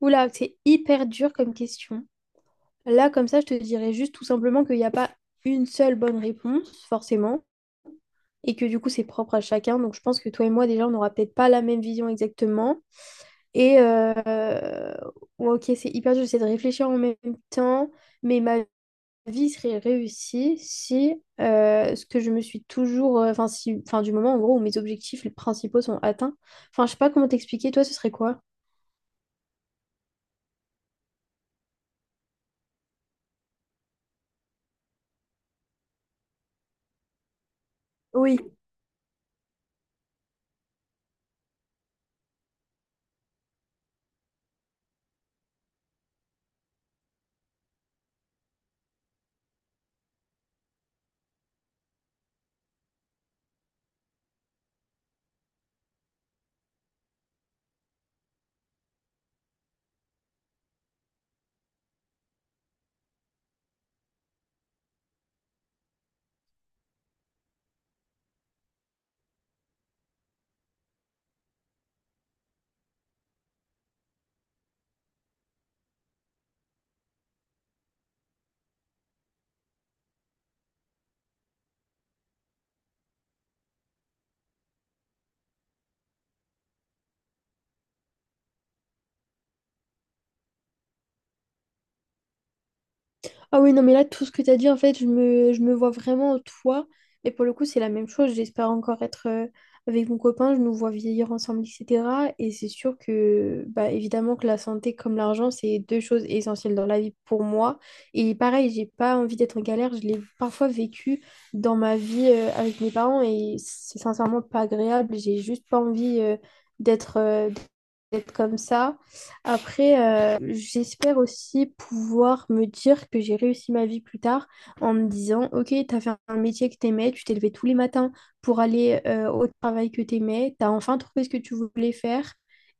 Oula, c'est hyper dur comme question. Là, comme ça, je te dirais juste tout simplement qu'il n'y a pas une seule bonne réponse, forcément, et que du coup, c'est propre à chacun. Donc, je pense que toi et moi, déjà, on n'aura peut-être pas la même vision exactement. Et ouais, ok, c'est hyper dur, j'essaie de réfléchir en même temps, mais ma vie serait réussie si ce que je me suis toujours, enfin, si, enfin, du moment en gros où mes objectifs principaux sont atteints. Enfin, je sais pas comment t'expliquer, toi, ce serait quoi? Oui, Ah oui, non, mais là, tout ce que tu as dit, en fait, je me vois vraiment toi. Et pour le coup, c'est la même chose. J'espère encore être avec mon copain, je nous vois vieillir ensemble, etc. Et c'est sûr que, bah, évidemment, que la santé comme l'argent, c'est deux choses essentielles dans la vie pour moi. Et pareil, j'ai pas envie d'être en galère. Je l'ai parfois vécu dans ma vie avec mes parents et c'est sincèrement pas agréable. J'ai juste pas envie d'être, être comme ça. Après, j'espère aussi pouvoir me dire que j'ai réussi ma vie plus tard en me disant, ok, t'as fait un métier que t'aimais, tu t'es levé tous les matins pour aller au travail que t'aimais, t'as enfin trouvé ce que tu voulais faire.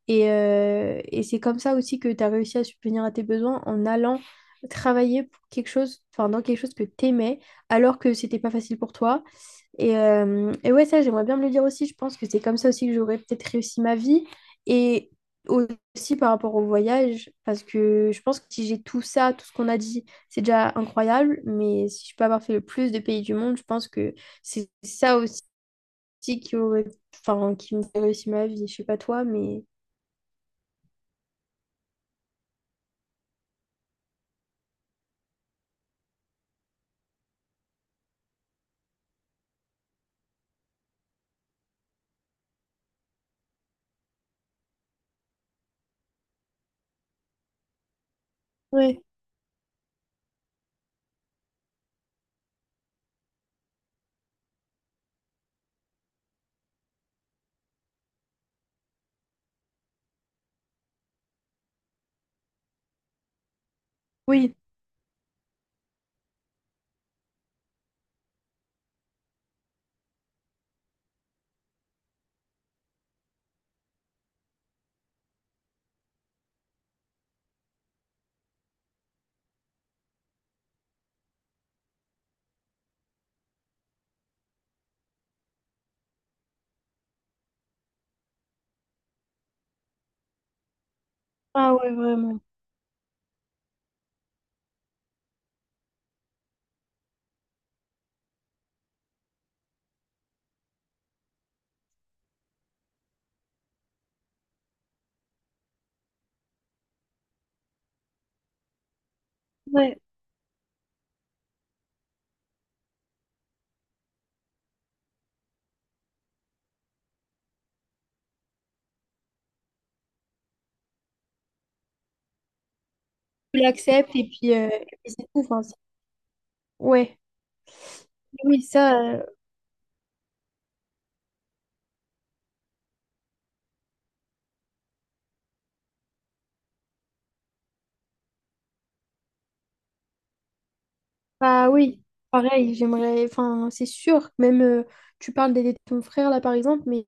Et c'est comme ça aussi que t'as réussi à subvenir à tes besoins en allant travailler pour quelque chose, enfin dans quelque chose que t'aimais, alors que c'était pas facile pour toi. Et ouais, ça, j'aimerais bien me le dire aussi. Je pense que c'est comme ça aussi que j'aurais peut-être réussi ma vie. Et aussi par rapport au voyage, parce que je pense que si j'ai tout ça, tout ce qu'on a dit, c'est déjà incroyable. Mais si je peux avoir fait le plus de pays du monde, je pense que c'est ça aussi qui aurait, enfin, qui me fait réussir ma vie. Je sais pas toi, mais Ouais. Oui. Ah ouais, vraiment. Ouais. Tu l'acceptes et puis c'est tout. Enfin, ouais, oui, ça. Bah oui, pareil, j'aimerais, enfin, c'est sûr, même tu parles d'aider ton frère là par exemple, mais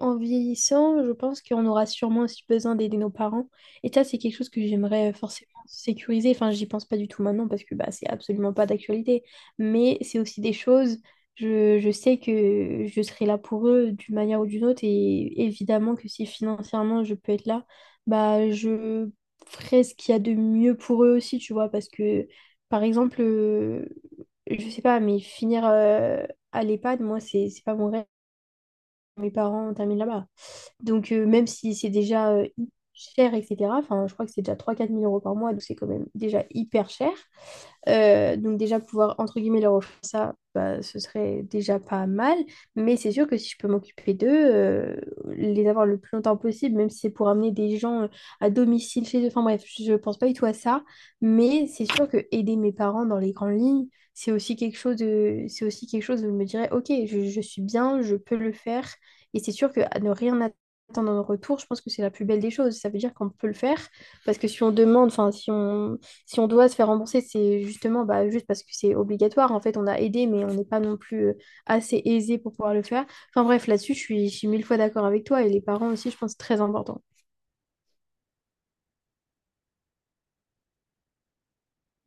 en vieillissant, je pense qu'on aura sûrement aussi besoin d'aider nos parents. Et ça, c'est quelque chose que j'aimerais forcément sécuriser. Enfin, j'y pense pas du tout maintenant parce que bah, c'est absolument pas d'actualité. Mais c'est aussi des choses, je sais que je serai là pour eux d'une manière ou d'une autre. Et évidemment que si financièrement je peux être là, bah je ferai ce qu'il y a de mieux pour eux aussi, tu vois, parce que. Par exemple, je sais pas, mais finir à l'EHPAD, moi, c'est pas mon rêve. Mes parents terminent là-bas. Donc, même si c'est déjà cher, etc., enfin, je crois que c'est déjà trois quatre mille euros par mois, donc c'est quand même déjà hyper cher. Donc déjà pouvoir entre guillemets leur offrir ça, bah, ce serait déjà pas mal. Mais c'est sûr que si je peux m'occuper d'eux, les avoir le plus longtemps possible, même si c'est pour amener des gens à domicile chez eux. Enfin bref, je pense pas du tout à ça. Mais c'est sûr que aider mes parents dans les grandes lignes, c'est aussi quelque chose de, c'est aussi quelque chose où je me dirais, ok, je suis bien, je peux le faire. Et c'est sûr que à ne rien attendre un retour, je pense que c'est la plus belle des choses. Ça veut dire qu'on peut le faire parce que si on demande, enfin, si on, si on doit se faire rembourser, c'est justement bah, juste parce que c'est obligatoire. En fait, on a aidé, mais on n'est pas non plus assez aisé pour pouvoir le faire. Enfin, bref, là-dessus, je suis mille fois d'accord avec toi et les parents aussi, je pense, c'est très important.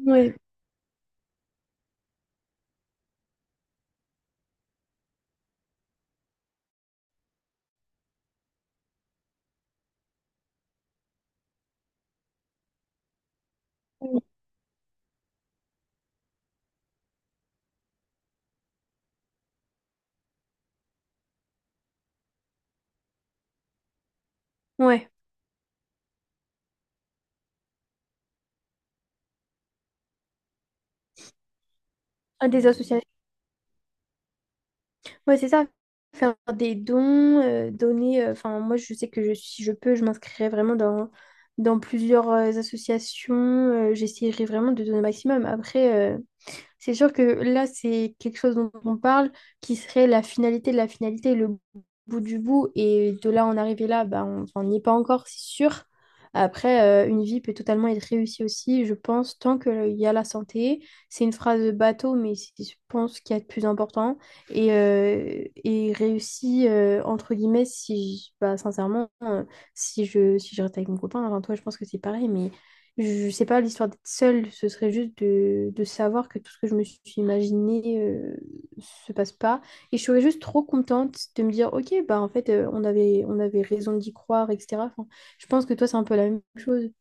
Ouais. Ouais, à des associations. Ouais, c'est ça. Faire des dons, donner. Enfin, moi, je sais que si je peux, je m'inscrirai vraiment dans, dans plusieurs associations. J'essaierai vraiment de donner au maximum. Après. C'est sûr que là, c'est quelque chose dont on parle qui serait la finalité de la finalité, le bout du bout. Et de là en arriver là, bah, on enfin, on n'y est pas encore, c'est sûr. Après, une vie peut totalement être réussie aussi, je pense, tant qu'il y a la santé. C'est une phrase de bateau, mais c'est, je pense qu'il y a de plus important. Et réussie, entre guillemets, si, bah, sincèrement, si je, si je reste avec mon copain, enfin, toi, je pense que c'est pareil, mais je sais pas, l'histoire d'être seule, ce serait juste de savoir que tout ce que je me suis imaginé se passe pas. Et je serais juste trop contente de me dire, ok, bah en fait, on avait raison d'y croire, etc. Enfin, je pense que toi, c'est un peu la même chose.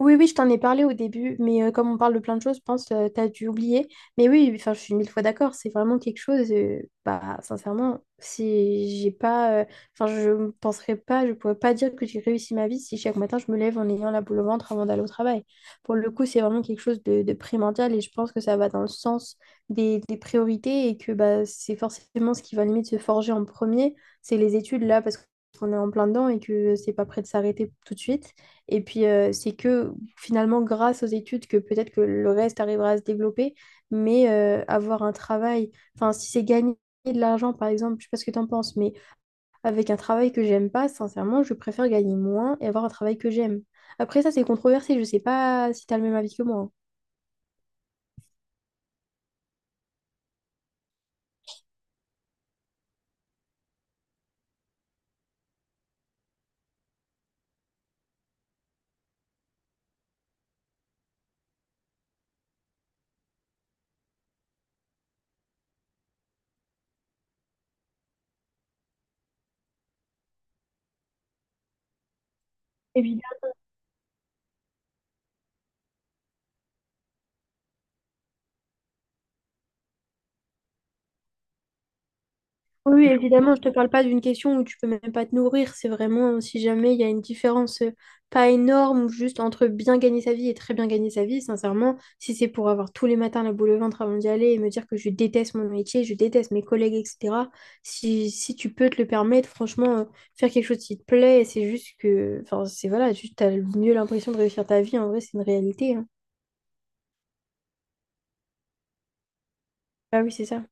Oui, oui, je t'en ai parlé au début, mais comme on parle de plein de choses, je pense que tu as dû oublier. Mais oui, enfin, je suis mille fois d'accord, c'est vraiment quelque chose, bah, sincèrement, si j'ai pas, enfin, je ne penserais pas, je pourrais pas dire que j'ai réussi ma vie si chaque matin je me lève en ayant la boule au ventre avant d'aller au travail. Pour le coup, c'est vraiment quelque chose de primordial et je pense que ça va dans le sens des priorités et que bah, c'est forcément ce qui va limite se forger en premier, c'est les études là, parce qu'on est en plein dedans et que c'est pas prêt de s'arrêter tout de suite. Et puis, c'est que finalement, grâce aux études, que peut-être que le reste arrivera à se développer, mais avoir un travail, enfin, si c'est gagner de l'argent, par exemple, je sais pas ce que tu en penses, mais avec un travail que j'aime pas, sincèrement, je préfère gagner moins et avoir un travail que j'aime. Après, ça, c'est controversé, je sais pas si tu as le même avis que moi. Oui, oui, évidemment, je te parle pas d'une question où tu peux même pas te nourrir. C'est vraiment si jamais il y a une différence pas énorme ou juste entre bien gagner sa vie et très bien gagner sa vie, sincèrement, si c'est pour avoir tous les matins la boule au ventre avant d'y aller et me dire que je déteste mon métier, je déteste mes collègues, etc. Si tu peux te le permettre, franchement, faire quelque chose qui te plaît, c'est juste que, enfin, c'est voilà, juste t'as mieux l'impression de réussir ta vie. En vrai, c'est une réalité, hein. Ah oui, c'est ça.